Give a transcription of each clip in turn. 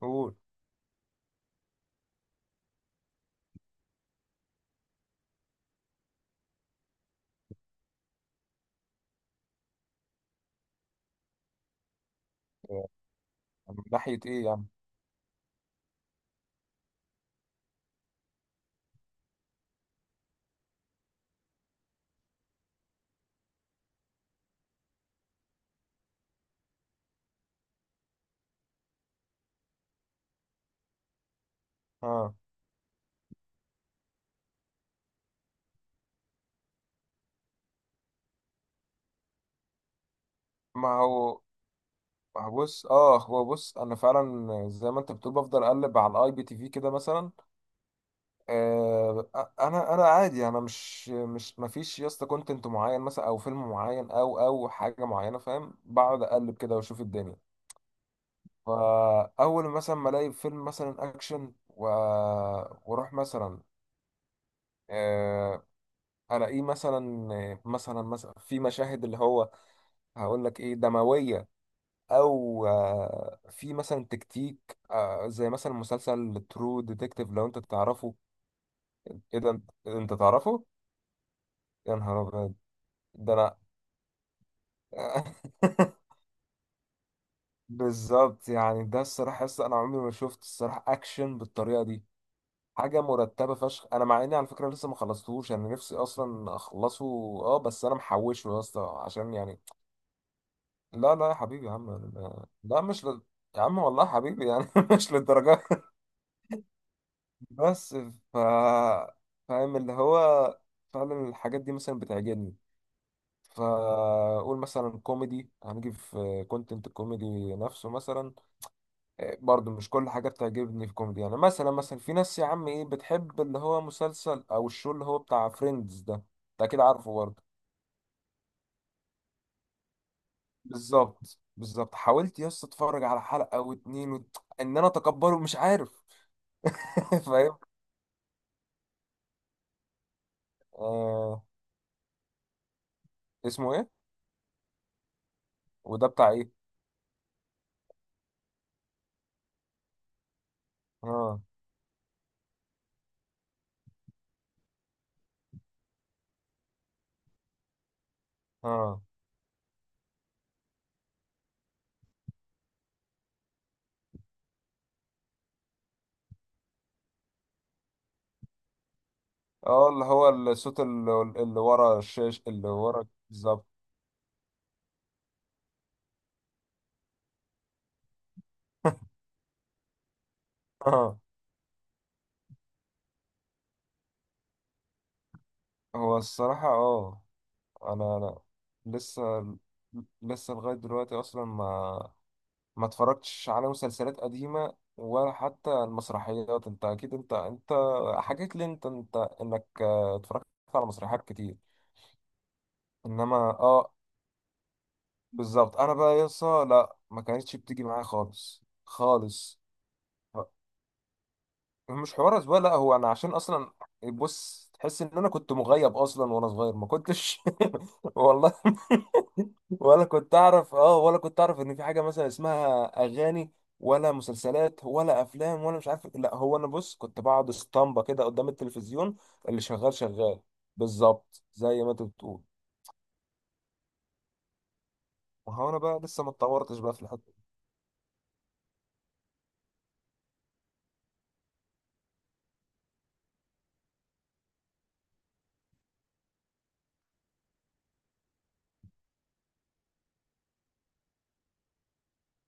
قول. يعني من ناحية ايه يعني؟ اه ما هو بص، هو بص، انا فعلا زي ما انت بتقول بفضل اقلب على الاي بي تي في كده مثلا. آه، انا عادي، انا مش، ما فيش يا اسطى كونتنت معين مثلا او فيلم معين، او حاجة معينة، فاهم. بقعد اقلب كده واشوف الدنيا. فاول مثلا ما الاقي فيلم مثلا اكشن و... واروح مثلا، آه، الاقيه مثلا في مشاهد اللي هو، هقول لك ايه، دموية، او آه، في مثلا تكتيك، آه، زي مثلا مسلسل ترو ديتكتيف لو انت تعرفه. ايه ده، انت تعرفه؟ يا نهار ابيض، ده انا! بالظبط. يعني ده الصراحه، لسه انا عمري ما شفت الصراحه اكشن بالطريقه دي. حاجه مرتبه فشخ. انا مع اني على فكره لسه ما خلصتهوش، انا نفسي اصلا اخلصه. اه، بس انا محوشه يا اسطى عشان يعني... لا لا يا حبيبي يا عم، لا لا، مش ل... يا عم والله حبيبي يعني، مش للدرجه. بس، ف فاهم اللي هو، فعلا الحاجات دي مثلا بتعجبني. فأقول مثلا كوميدي، هنجي في كونتنت الكوميدي نفسه مثلا. إيه، برضو مش كل حاجة بتعجبني في كوميدي. يعني مثلا في ناس يا عم ايه بتحب اللي هو مسلسل او الشو اللي هو بتاع فريندز ده، انت اكيد عارفه برضه. بالظبط، بالظبط. حاولت يس اتفرج على حلقة واتنين وت... ان انا اتقبله، مش عارف. فاهم. آه... اسمه ايه؟ وده بتاع ايه؟ اه، اه، اه اللي هو الصوت اللي ورا الشاش، اللي ورا بالظبط. اه، هو الصراحة، اه، انا لسه، لغاية دلوقتي اصلا ما اتفرجتش على مسلسلات قديمة، ولا حتى المسرحيات. انت اكيد، انت حكيت لي، انت انك، آه، اتفرجت على مسرحيات كتير. انما اه بالظبط. انا بقى يسا لا، ما كانتش بتيجي معايا خالص خالص، مش حوار اسبوع. لا، هو انا عشان اصلا، بص، تحس ان انا كنت مغيب اصلا، وانا صغير ما كنتش. والله. ولا كنت اعرف، اه، ولا كنت اعرف ان في حاجه مثلا اسمها اغاني، ولا مسلسلات، ولا افلام، ولا مش عارف. لا، هو انا بص كنت بقعد اسطمبه كده قدام التلفزيون. اللي شغال شغال. بالظبط زي ما انت بتقول. ما هو انا بقى لسه ما اتطورتش بقى في الحته.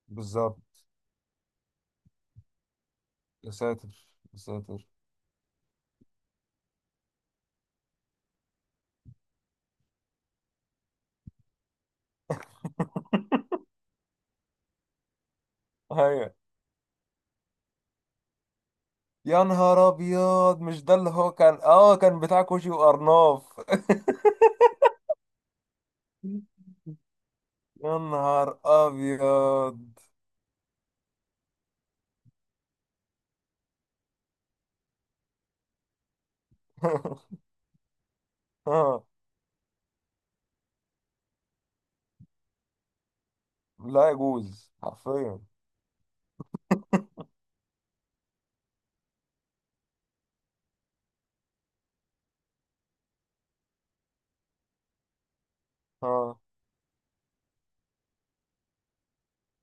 بالظبط. يا ساتر يا ساتر. ايوه. يا نهار ابيض، مش ده اللي هو كان، كان بتاع كوشي وارناف؟ يا نهار ابيض. آه، لا يجوز حرفيا. اه،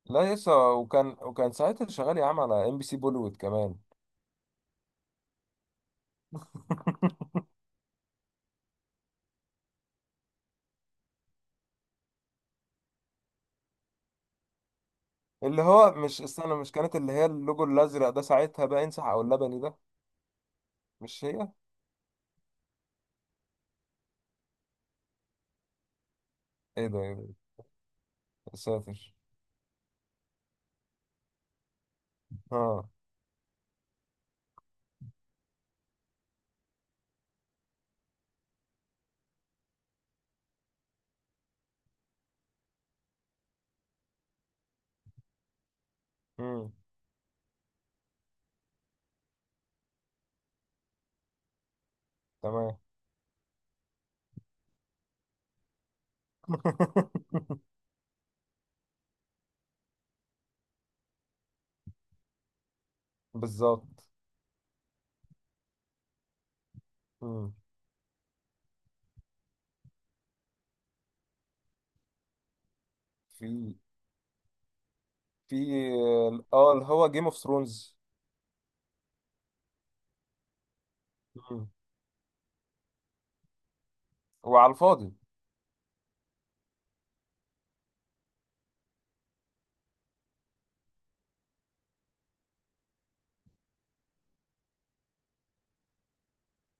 لا لسه. وكان، وكان ساعتها شغال يا عم على ام بي سي بوليوود كمان. اللي هو مش، استنى، مش كانت اللي هي اللوجو الازرق ده ساعتها، بقى انسح او اللبني ده؟ مش هي؟ ايه ده، ايه ده، يا ساتر. اه. امم. تمام. بالظبط. امم. في في اه اللي هو جيم اوف ثرونز. وعلى الفاضي.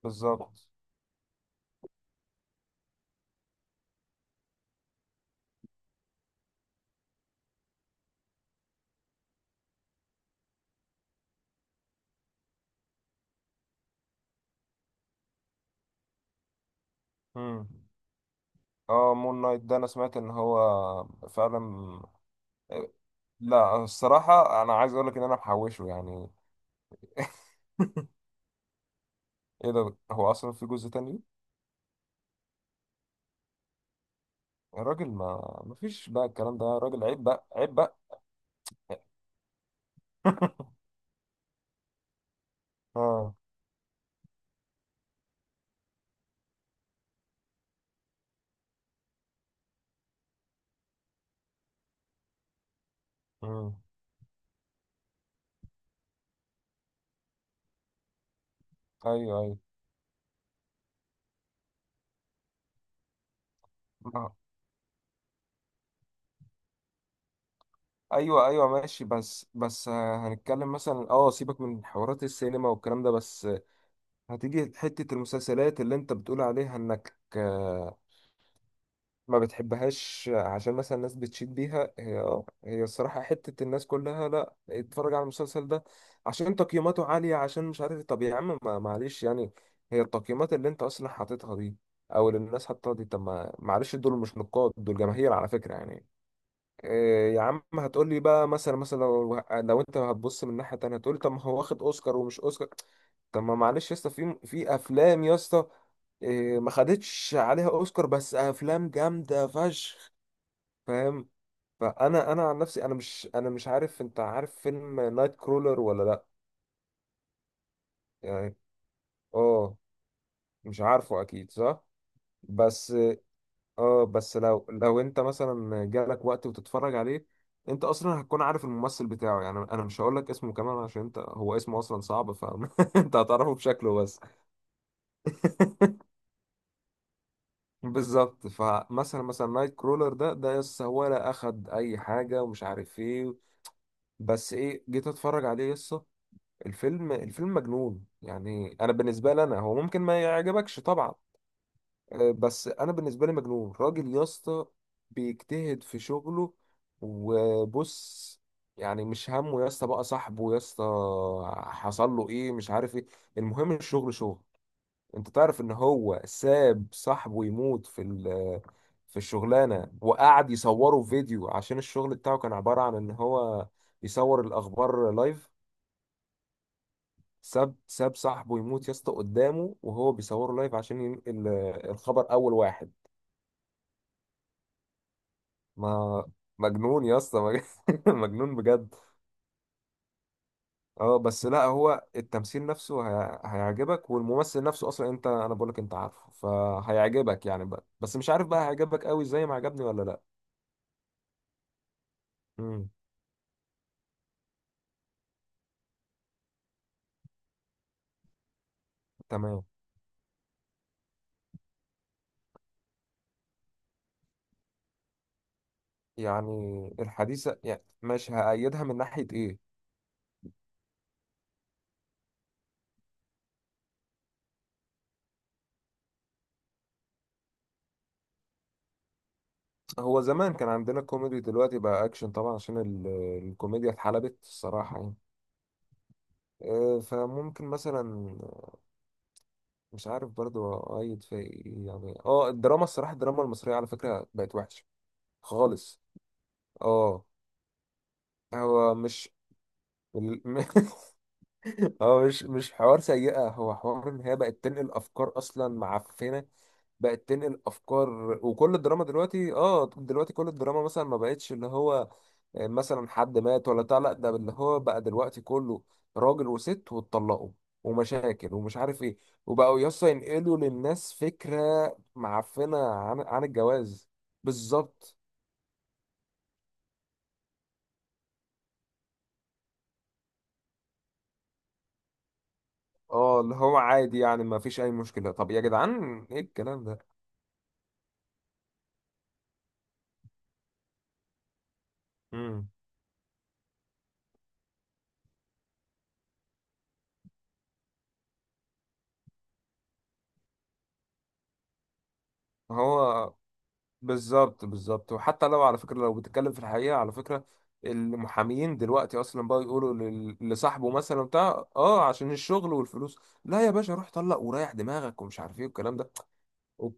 بالظبط. مم. اه، مون نايت ده انا سمعت ان هو فعلا. لا الصراحة، انا عايز اقول لك ان انا محوشه يعني. ايه ده، هو اصلا في جزء تاني؟ يا راجل، ما ما فيش بقى الكلام ده، يا راجل عيب بقى، عيب بقى. اه. مم. ايوه ايوه. ما- ايوه ايوه ماشي. بس آه، هنتكلم مثلا، اه، سيبك من حوارات السينما والكلام ده. بس هتيجي حتة المسلسلات اللي انت بتقول عليها انك، آه، ما بتحبهاش عشان مثلا الناس بتشيد بيها. هي اه، هي الصراحة حتة الناس كلها: لا، اتفرج على المسلسل ده عشان تقييماته عالية، عشان مش عارف. طب يا عم، ما- معلش يعني. هي التقييمات اللي انت اصلا حاططها دي او اللي الناس حاططها دي، طب ما معلش، دول مش نقاد، دول جماهير على فكرة يعني. إيه يا عم، هتقول لي بقى مثلا، مثلا لو انت هتبص من ناحية تانية، هتقول لي طب ما هو واخد اوسكار ومش اوسكار. طب ما معلش يا اسطى، في افلام يا اسطى إيه ما خدتش عليها اوسكار، بس افلام جامدة فشخ. فاهم. فانا انا عن نفسي، انا مش عارف، انت عارف فيلم نايت كرولر ولا لا؟ يعني، اه، مش عارفه اكيد صح. بس اه، بس لو انت مثلا جالك وقت وتتفرج عليه، انت اصلا هتكون عارف الممثل بتاعه. يعني انا مش هقول لك اسمه كمان عشان انت، هو اسمه اصلا صعب، فانت هتعرفه بشكله بس. بالظبط. فمثلا، نايت كرولر ده، يسا، ولا اخد اي حاجه ومش عارف ايه. بس ايه، جيت اتفرج عليه يسا، الفيلم مجنون. يعني انا بالنسبه لي، انا، هو ممكن ما يعجبكش طبعا، آه، بس انا بالنسبه لي مجنون. راجل يا اسطى بيجتهد في شغله. وبص، يعني مش همه يا اسطى بقى صاحبه، يا اسطى حصل له ايه، مش عارف ايه، المهم الشغل شغل. انت تعرف ان هو ساب صاحبه يموت في ال-، في الشغلانه، وقعد يصوره فيديو، عشان الشغل بتاعه كان عباره عن ان هو يصور الاخبار لايف. ساب صاحبه يموت يا اسطى قدامه وهو بيصوره لايف عشان ينقل، آه، الخبر اول واحد. ما، مجنون يا اسطى، مجنون بجد. اه، بس لا هو التمثيل نفسه هي... هيعجبك. والممثل نفسه اصلا انت، انا بقولك انت عارفه، فهيعجبك يعني بقى. بس مش عارف بقى هيعجبك قوي زي ما عجبني ولا لا. امم. تمام. يعني الحديثة، يعني مش هأيدها من ناحية ايه؟ هو زمان كان عندنا كوميدي، دلوقتي بقى اكشن طبعا، عشان ال... الكوميديا اتحلبت الصراحة يعني. آه، فممكن مثلا، مش عارف برضو اقيد في إيه يعني. اه الدراما الصراحه، الدراما المصريه على فكره بقت وحشه خالص. اه. هو مش ال-، هو مش حوار سيئه، هو حوار ان هي بقت تنقل افكار اصلا معفنه، بقت تنقل افكار. وكل الدراما دلوقتي، اه، دلوقتي كل الدراما مثلا ما بقتش اللي هو، آه، مثلا حد مات ولا بتاع، لا، ده اللي هو بقى دلوقتي كله راجل وست واتطلقوا، ومشاكل، ومش عارف ايه، وبقوا يسطا ينقلوا للناس فكرة معفنة عن، الجواز. بالظبط. اه اللي هو عادي يعني، ما فيش اي مشكلة. طب يا جدعان ايه الكلام ده؟ امم. هو بالظبط، بالظبط. وحتى لو على فكرة، لو بتتكلم في الحقيقة على فكرة، المحامين دلوقتي اصلا بقى يقولوا لل-، لصاحبه مثلا بتاع اه عشان الشغل والفلوس: لا يا باشا روح طلق، وريح دماغك، ومش عارف ايه والكلام ده. وب-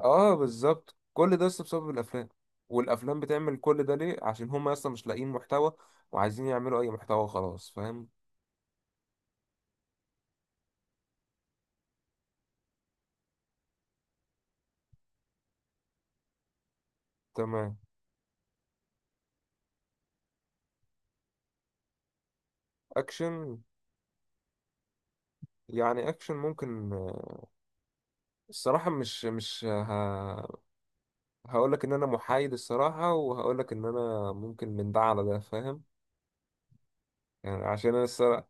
اه بالظبط. كل ده اصلا بسبب الافلام. والافلام بتعمل كل ده ليه؟ عشان هم اصلا مش لاقيين محتوى، وعايزين يعملوا اي محتوى، خلاص، فاهم. تمام. اكشن، يعني اكشن ممكن آه، الصراحة مش هقول لك ان انا محايد الصراحه، وهقول لك ان انا ممكن من ده على ده. فاهم. يعني عشان انا الصراحه،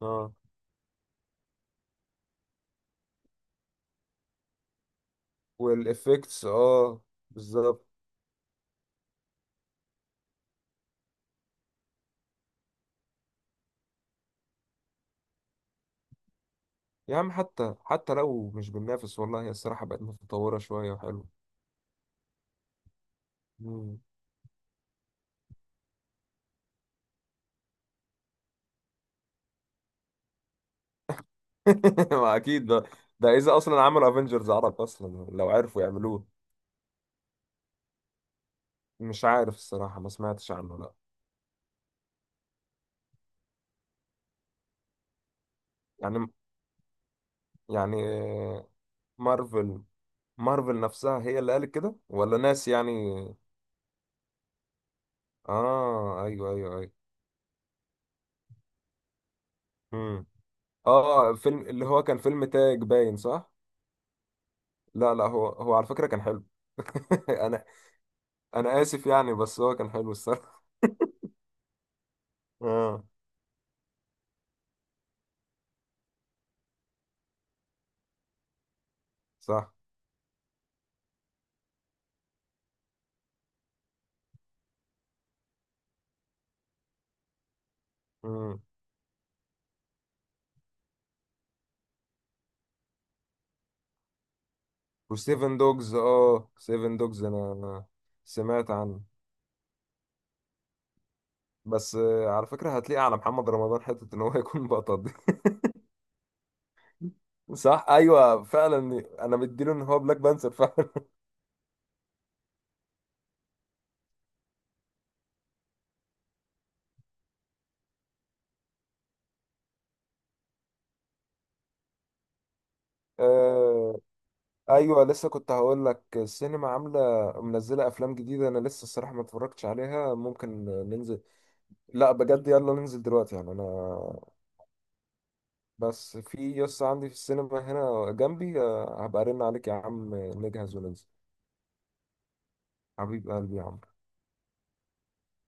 اه، والافكتس، اه بالظبط. يا عم حتى لو مش بننافس والله، هي الصراحه بقت متطوره شويه وحلوه. مم. ما اكيد ده! ده اذا اصلا عملوا افنجرز عرب اصلا، لو عرفوا يعملوه. مش عارف الصراحه، ما سمعتش عنه لا. يعني يعني آه، مارفل مارفل نفسها هي اللي قالت كده ولا ناس يعني؟ اه ايوه ايوه. ايوه. اه فيلم اللي هو كان فيلم تاج، باين صح. لا لا، هو هو على فكرة كان حلو. انا انا اسف يعني، بس هو كان حلو الصراحة. اه. صح. امم. وسيفن دوجز. اه، سيفن دوجز انا سمعت عنه. بس آه، على فكرة هتلاقي على محمد رمضان حتة ان هو يكون بطل دي. صح ايوه فعلا. انا مديله ان هو بلاك بانثر فعلا. آه ايوه، لسه كنت هقول لك السينما عامله منزله افلام جديده. انا لسه الصراحه ما اتفرجتش عليها، ممكن ننزل. لا بجد يلا ننزل دلوقتي. يعني انا، بس في يس عندي في السينما هنا جنبي، آه، هبقى ارن عليك يا عم نجهز وننزل. حبيب قلبي يا عم.